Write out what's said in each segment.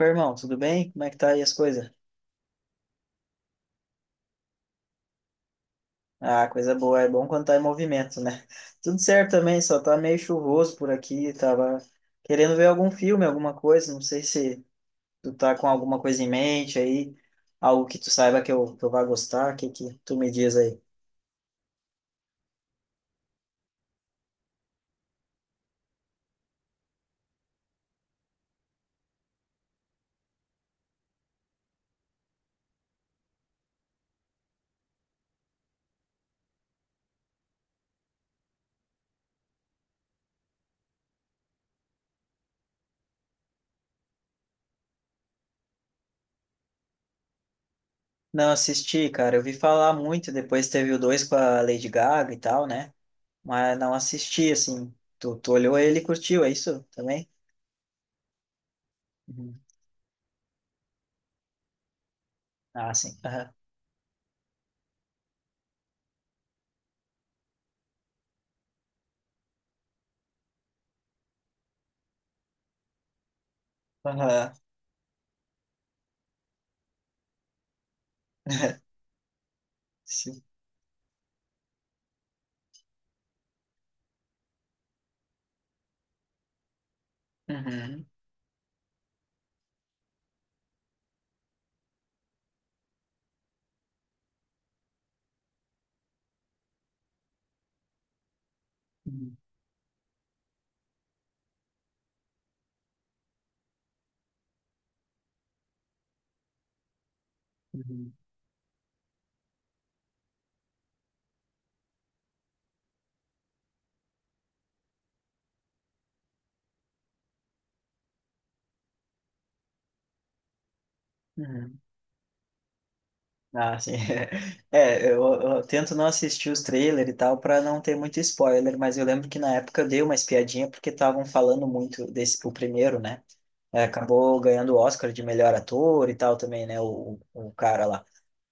Meu irmão, tudo bem? Como é que tá aí as coisas? Ah, coisa boa, é bom quando tá em movimento, né? Tudo certo também, só tá meio chuvoso por aqui, tava querendo ver algum filme, alguma coisa, não sei se tu tá com alguma coisa em mente aí, algo que tu saiba que eu vá gostar, o que que tu me diz aí? Não assisti, cara, eu vi falar muito, depois teve o dois com a Lady Gaga e tal, né? Mas não assisti, assim, tu olhou ele e curtiu, é isso também? Uhum. Ah, sim. Aham. Aham. Sim. Uhum. Uhum. Uhum. Uhum. Ah, sim. Eu tento não assistir os trailers e tal para não ter muito spoiler, mas eu lembro que na época eu dei uma espiadinha porque estavam falando muito desse, o primeiro, né? É, acabou ganhando o Oscar de melhor ator e tal também, né? O cara lá.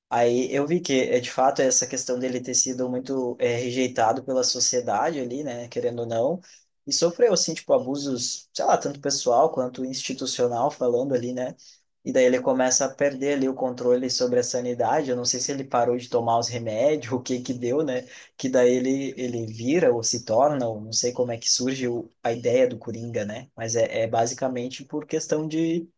Aí eu vi que, é, de fato, essa questão dele ter sido muito é, rejeitado pela sociedade ali, né, querendo ou não, e sofreu, assim, tipo, abusos, sei lá, tanto pessoal quanto institucional falando ali, né, e daí ele começa a perder ali o controle sobre a sanidade, eu não sei se ele parou de tomar os remédios, o que que deu, né, que daí ele vira ou se torna, ou não sei como é que surge o, a ideia do Coringa, né, mas é, é basicamente por questão de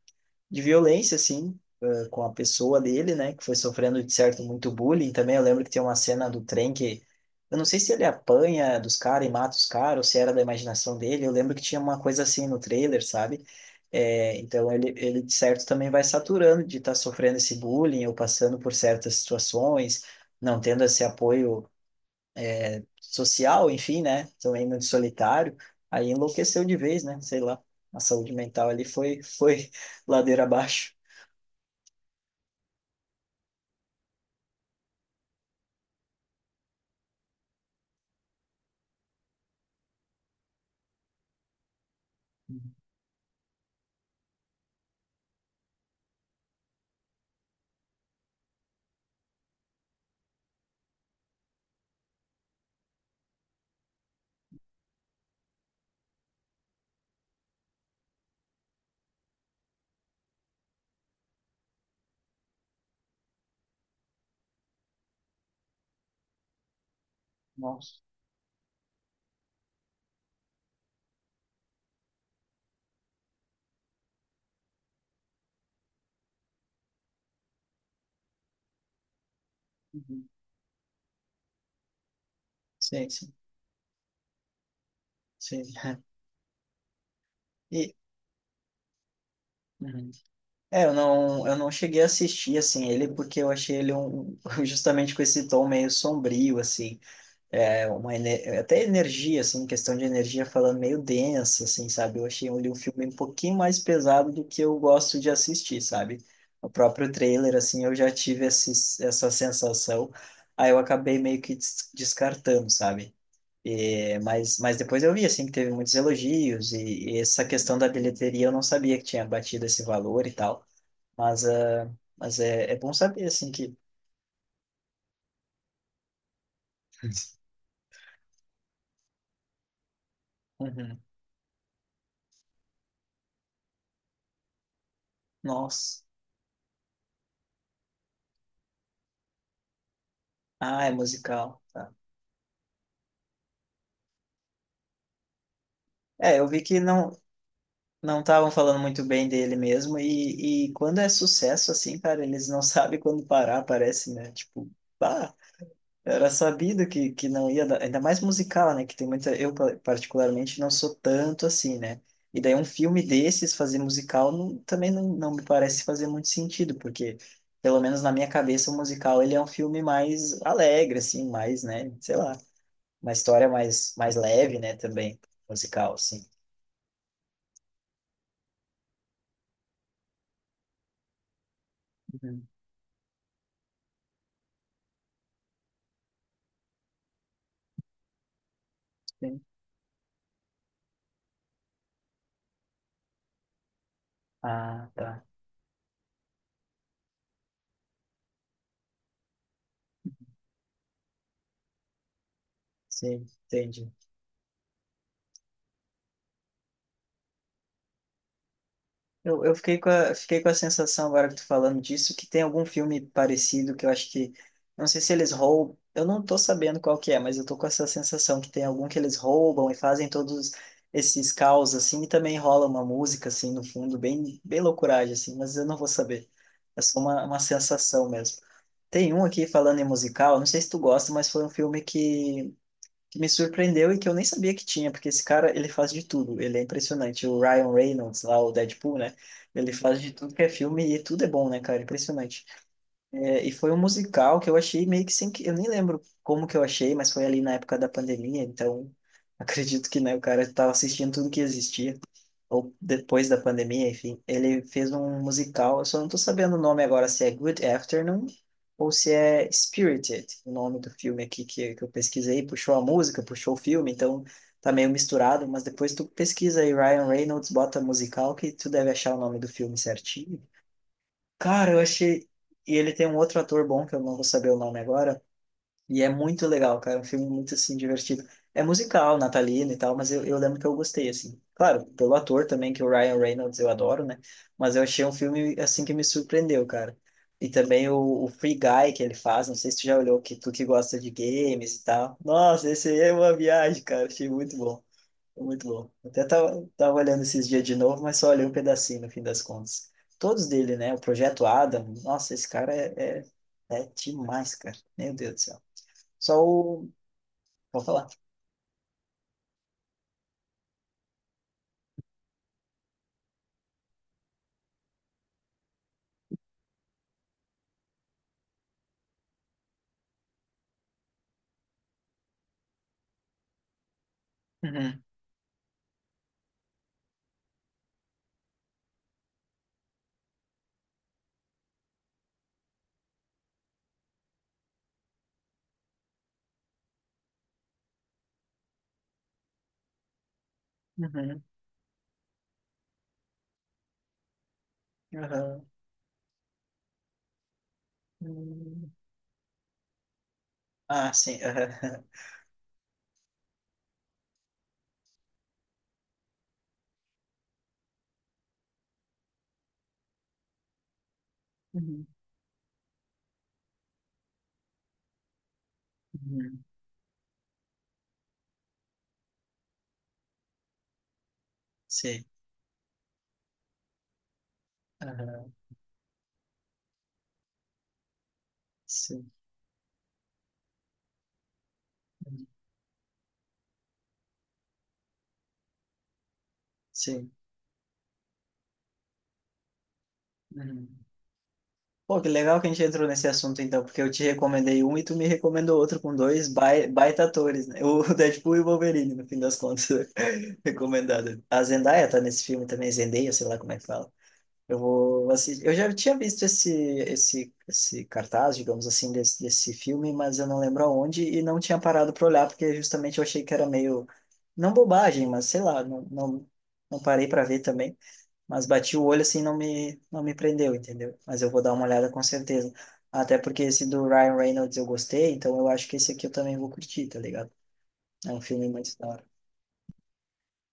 de violência, assim, com a pessoa dele, né, que foi sofrendo, de certo, muito bullying também. Eu lembro que tem uma cena do trem que, eu não sei se ele apanha dos caras e mata os caras, ou se era da imaginação dele. Eu lembro que tinha uma coisa assim no trailer, sabe? Então de certo, também vai saturando de estar sofrendo esse bullying ou passando por certas situações, não tendo esse apoio social, enfim, né, também muito solitário. Aí enlouqueceu de vez, né, sei lá. A saúde mental ali foi ladeira abaixo. Nossa. Uhum. Sei, sim, sei. E, uhum. Eu não cheguei a assistir, assim, ele, porque eu achei ele um, justamente com esse tom meio sombrio, assim, é, uma, ene- até energia, assim, questão de energia falando meio densa, assim, sabe? Eu achei ele um filme um pouquinho mais pesado do que eu gosto de assistir, sabe? O próprio trailer, assim, eu já tive esse, essa sensação, aí eu acabei meio que des- descartando, sabe? É, mas depois eu vi, assim, que teve muitos elogios e essa questão da bilheteria eu não sabia que tinha batido esse valor e tal. Mas, ah, mas é, é bom saber, assim, que... Uhum. Nossa. Ah, é musical. Tá. É, eu vi que não estavam falando muito bem dele mesmo e quando é sucesso, assim, cara, eles não sabem quando parar, parece, né? Tipo, ah, era sabido que não ia dar, ainda mais musical, né? Que tem muita. Eu, pa- particularmente, não sou tanto assim, né? E daí, um filme desses, fazer musical, não- também não me parece fazer muito sentido, porque, pelo menos na minha cabeça, o musical ele é um filme mais alegre, assim, mais, né? Sei lá, uma história mais, mais leve, né? Também, musical, assim. Uhum, sim. Ah, tá. Sim, entendi. Eu fiquei com a sensação, agora que tu falando disso, que tem algum filme parecido que eu acho que. Não sei se eles roubam. Eu não tô sabendo qual que é, mas eu tô com essa sensação que tem algum que eles roubam e fazem todos esses caos, assim, e também rola uma música, assim, no fundo, bem, bem loucuragem, assim, mas eu não vou saber. É só uma sensação mesmo. Tem um aqui falando em musical, não sei se tu gosta, mas foi um filme que me surpreendeu e que eu nem sabia que tinha, porque esse cara, ele faz de tudo, ele é impressionante. O Ryan Reynolds, lá, o Deadpool, né? Ele faz de tudo que é filme e tudo é bom, né, cara? Impressionante. É, e foi um musical que eu achei meio que sem... que- Eu nem lembro como que eu achei, mas foi ali na época da pandemia, então acredito que, né, o cara estava assistindo tudo que existia, ou depois da pandemia, enfim. Ele fez um musical, eu só não tô sabendo o nome agora, se é Good Afternoon ou se é Spirited, o nome do filme aqui que eu pesquisei, puxou a música, puxou o filme, então tá meio misturado, mas depois tu pesquisa aí Ryan Reynolds, bota musical, que tu deve achar o nome do filme certinho. Cara, eu achei. E ele tem um outro ator bom, que eu não vou saber o nome agora. E é muito legal, cara. É um filme muito, assim, divertido. É musical, natalino e tal, mas eu lembro que eu gostei, assim. Claro, pelo ator também, que o Ryan Reynolds eu adoro, né? Mas eu achei um filme, assim, que me surpreendeu, cara. E também o Free Guy que ele faz, não sei se tu já olhou, que tu que gosta de games e tal. Nossa, esse aí é uma viagem, cara. Achei muito bom. Muito bom. Até tava olhando esses dias de novo, mas só olhei um pedacinho no fim das contas. Todos dele, né? O Projeto Adam. Nossa, esse cara é, é, é demais, cara. Meu Deus do céu. Só o. Vou falar. Uhum, uhum, aham, uhum. Ah, sim. Aham. Uhum, uhum. Sim. Aham. Sim. Uhum. Sim. Uhum. Pô, que legal que a gente entrou nesse assunto então, porque eu te recomendei um e tu me recomendou outro com dois bai- baita atores, né? O Deadpool e o Wolverine, no fim das contas, recomendado. A Zendaya tá nesse filme também, Zendaya, sei lá como é que fala. Eu vou assistir. Eu já tinha visto esse cartaz, digamos assim, desse filme, mas eu não lembro aonde e não tinha parado para olhar porque justamente eu achei que era meio não bobagem, mas sei lá, não parei para ver também mas bati o olho assim, não me prendeu, entendeu? Mas eu vou dar uma olhada com certeza. Até porque esse do Ryan Reynolds eu gostei, então eu acho que esse aqui eu também vou curtir, tá ligado? É um filme muito da hora.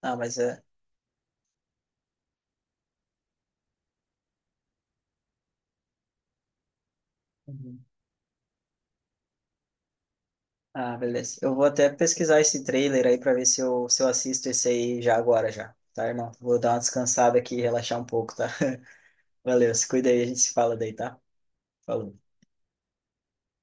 Ah, mas é. Uhum. Ah, beleza. Eu vou até pesquisar esse trailer aí pra ver se eu assisto esse aí já agora já, tá, irmão? Vou dar uma descansada aqui e relaxar um pouco, tá? Valeu, se cuida aí, a gente se fala daí, tá? Falou.